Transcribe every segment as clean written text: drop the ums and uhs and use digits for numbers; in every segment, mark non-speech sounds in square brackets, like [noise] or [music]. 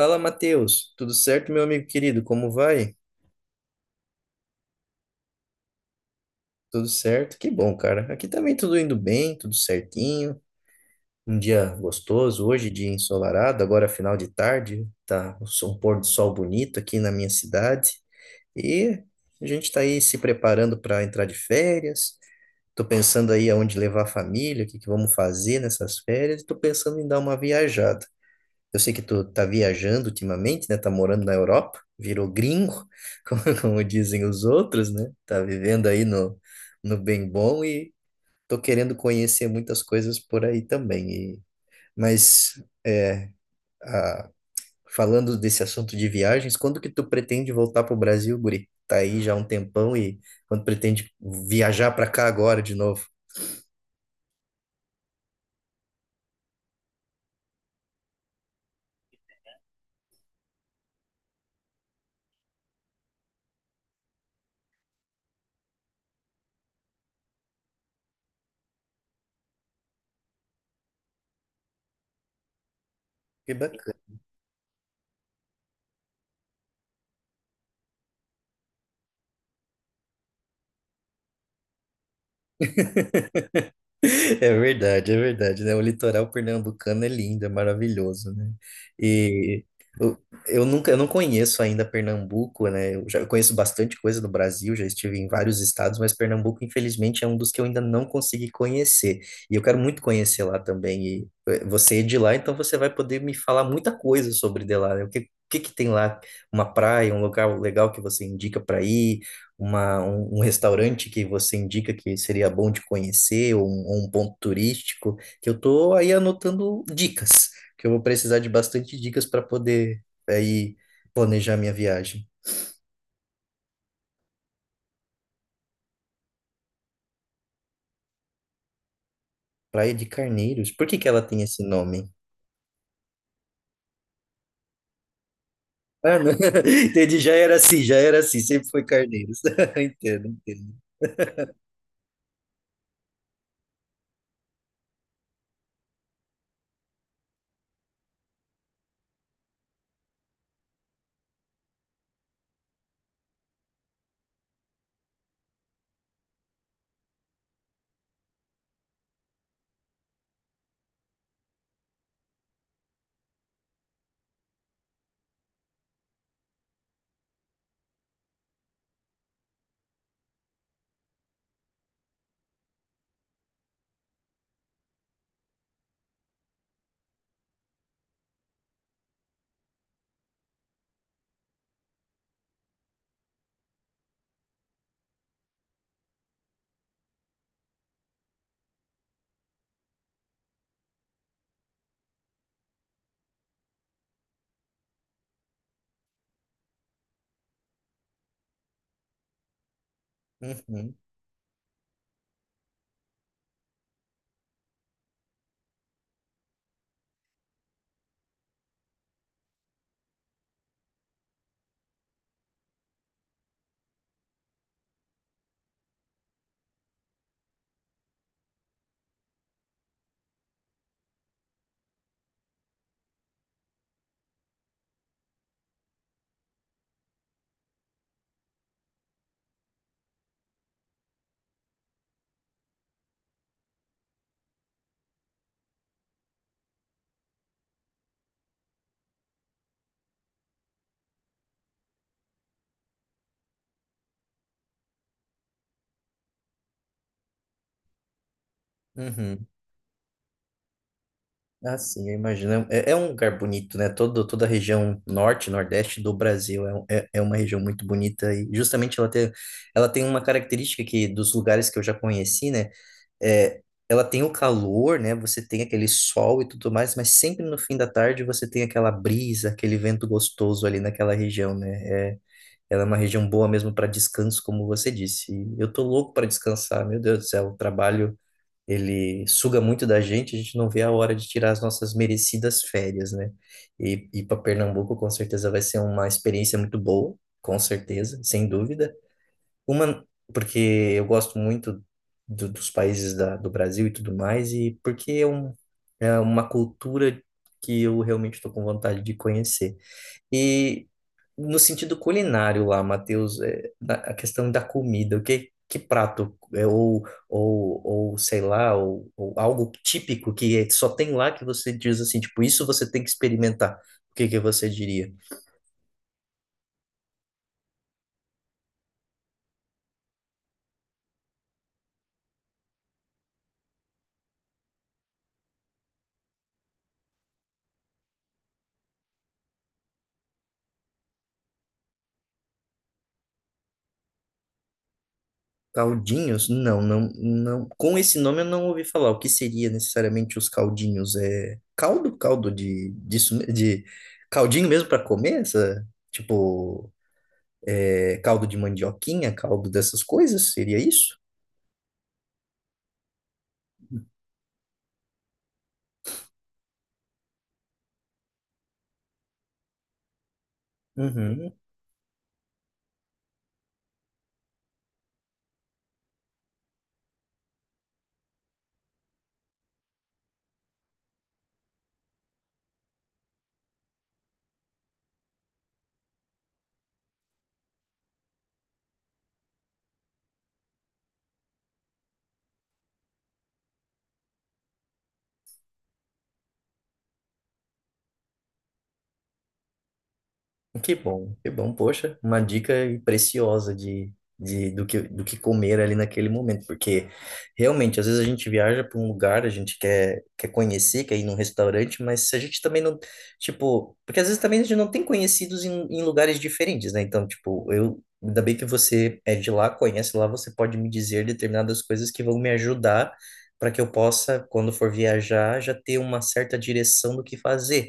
Fala, Matheus. Tudo certo, meu amigo querido? Como vai? Tudo certo? Que bom, cara. Aqui também tudo indo bem, tudo certinho. Um dia gostoso hoje, dia ensolarado, agora final de tarde. Tá um pôr do sol bonito aqui na minha cidade. E a gente tá aí se preparando para entrar de férias. Tô pensando aí aonde levar a família, o que que vamos fazer nessas férias. E tô pensando em dar uma viajada. Eu sei que tu tá viajando ultimamente, né? Tá morando na Europa, virou gringo, [laughs] como dizem os outros, né? Tá vivendo aí no, no bem bom e tô querendo conhecer muitas coisas por aí também. E, mas ah, Falando desse assunto de viagens, quando que tu pretende voltar pro Brasil, guri? Tá aí já há um tempão e quando pretende viajar para cá agora de novo? Que [laughs] é verdade, é verdade, né? O litoral pernambucano é lindo, é maravilhoso, né? E eu, eu nunca, eu não conheço ainda Pernambuco, né? Eu já conheço bastante coisa do Brasil, já estive em vários estados, mas Pernambuco, infelizmente, é um dos que eu ainda não consegui conhecer. E eu quero muito conhecer lá também. E você é de lá, então você vai poder me falar muita coisa sobre de lá, né? O que que tem lá? Uma praia, um local legal que você indica para ir? Um restaurante que você indica que seria bom de conhecer, ou um ponto turístico, que eu tô aí anotando dicas, que eu vou precisar de bastante dicas para poder aí planejar minha viagem. Praia de Carneiros, por que que ela tem esse nome? Ah, não. [laughs] Entendi, já era assim, sempre foi Carneiros. [laughs] Entendo, entendo. Uhum, uhum. Ah, sim, eu imagino. É, é um lugar bonito, né? Toda a região norte, nordeste do Brasil é, é uma região muito bonita e justamente ela tem uma característica que dos lugares que eu já conheci, né? É, ela tem o calor, né? Você tem aquele sol e tudo mais, mas sempre no fim da tarde você tem aquela brisa, aquele vento gostoso ali naquela região, né? É, ela é uma região boa mesmo para descanso, como você disse. E eu tô louco para descansar, meu Deus do céu, o trabalho ele suga muito da gente, a gente não vê a hora de tirar as nossas merecidas férias, né? E ir para Pernambuco com certeza vai ser uma experiência muito boa, com certeza, sem dúvida. Uma, porque eu gosto muito dos países do Brasil e tudo mais, e porque é uma cultura que eu realmente estou com vontade de conhecer. E no sentido culinário lá, Matheus, a questão da comida, que prato, ou, ou sei lá, ou algo típico só tem lá que você diz assim, tipo, isso você tem que experimentar. O que que você diria? Caldinhos? Não, não, não. Com esse nome eu não ouvi falar. O que seria necessariamente os caldinhos? É caldo? Caldo de, disso, de caldinho mesmo para comer? Essa, tipo, caldo de mandioquinha, caldo dessas coisas? Seria isso? Uhum. Que bom, que bom. Poxa, uma dica preciosa do que comer ali naquele momento, porque realmente, às vezes a gente viaja para um lugar, a gente quer, quer conhecer, quer ir num restaurante, mas se a gente também não, tipo, porque às vezes também a gente não tem conhecidos em lugares diferentes, né? Então, tipo, eu, ainda bem que você é de lá, conhece lá, você pode me dizer determinadas coisas que vão me ajudar para que eu possa, quando for viajar, já ter uma certa direção do que fazer.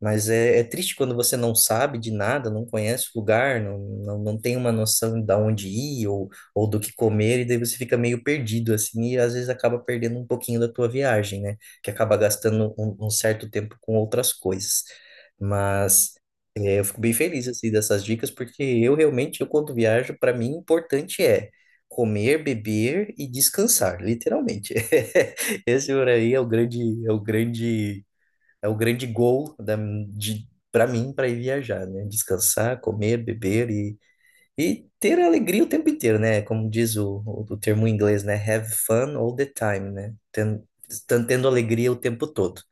Mas é, é triste quando você não sabe de nada, não conhece o lugar, não, não, não tem uma noção de onde ir ou do que comer, e daí você fica meio perdido, assim, e às vezes acaba perdendo um pouquinho da tua viagem, né? Que acaba gastando um certo tempo com outras coisas. Mas é, eu fico bem feliz, assim, dessas dicas, porque eu realmente, eu quando viajo, para mim, o importante é comer, beber e descansar, literalmente. [laughs] Esse por aí é o grande, é o grande é o grande goal para mim para ir viajar, né? Descansar, comer, beber e ter alegria o tempo inteiro, né? Como diz o termo em inglês, né? Have fun all the time, né? Tendo alegria o tempo todo.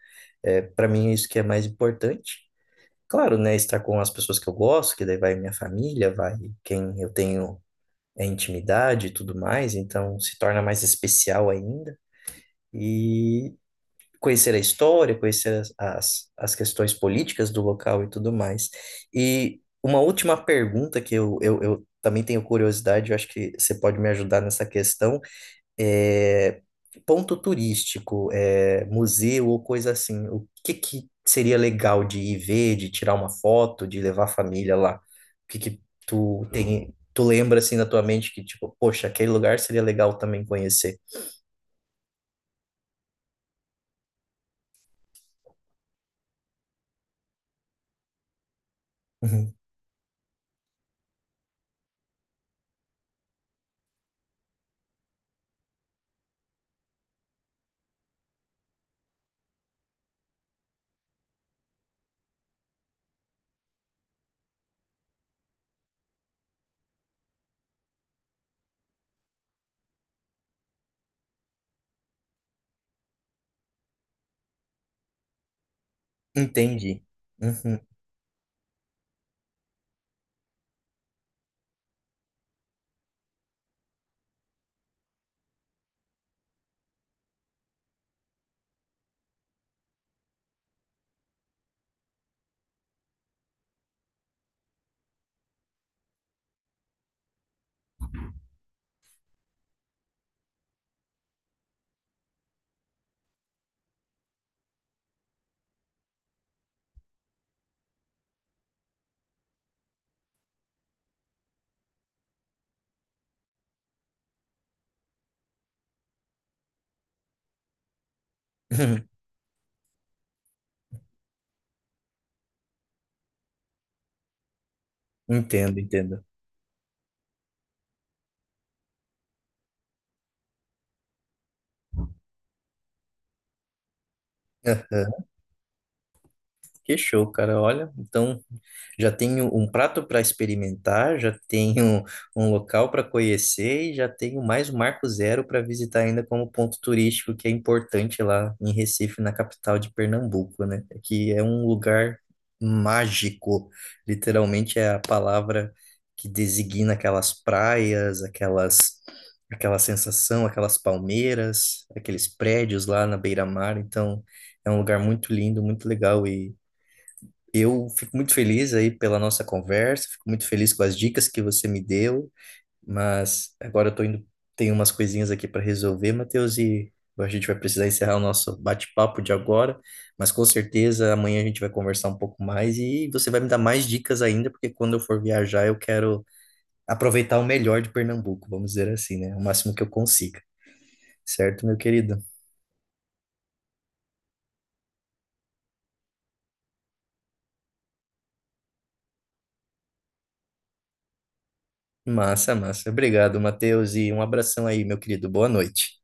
É, para mim é isso que é mais importante. Claro, né? Estar com as pessoas que eu gosto, que daí vai minha família, vai quem eu tenho intimidade e tudo mais, então se torna mais especial ainda. E conhecer a história, conhecer as questões políticas do local e tudo mais. E uma última pergunta que eu também tenho curiosidade, eu acho que você pode me ajudar nessa questão, é ponto turístico, é, museu ou coisa assim, o que que seria legal de ir ver, de tirar uma foto, de levar a família lá? O que que tu tem, tu lembra assim na tua mente que tipo, poxa, aquele lugar seria legal também conhecer? Uhum. Entendi. Uhum. [laughs] Entendo, entendo. [laughs] Que show, cara. Olha, então já tenho um prato para experimentar, já tenho um local para conhecer e já tenho mais um Marco Zero para visitar ainda como ponto turístico que é importante lá em Recife, na capital de Pernambuco, né? É que é um lugar mágico. Literalmente é a palavra que designa aquelas praias, aquela sensação, aquelas palmeiras, aqueles prédios lá na beira-mar. Então, é um lugar muito lindo, muito legal e eu fico muito feliz aí pela nossa conversa, fico muito feliz com as dicas que você me deu, mas agora eu tô indo, tenho umas coisinhas aqui para resolver, Matheus, e a gente vai precisar encerrar o nosso bate-papo de agora, mas com certeza amanhã a gente vai conversar um pouco mais e você vai me dar mais dicas ainda, porque quando eu for viajar eu quero aproveitar o melhor de Pernambuco, vamos dizer assim, né? O máximo que eu consiga, certo, meu querido? Massa, massa. Obrigado, Matheus, e um abração aí, meu querido. Boa noite.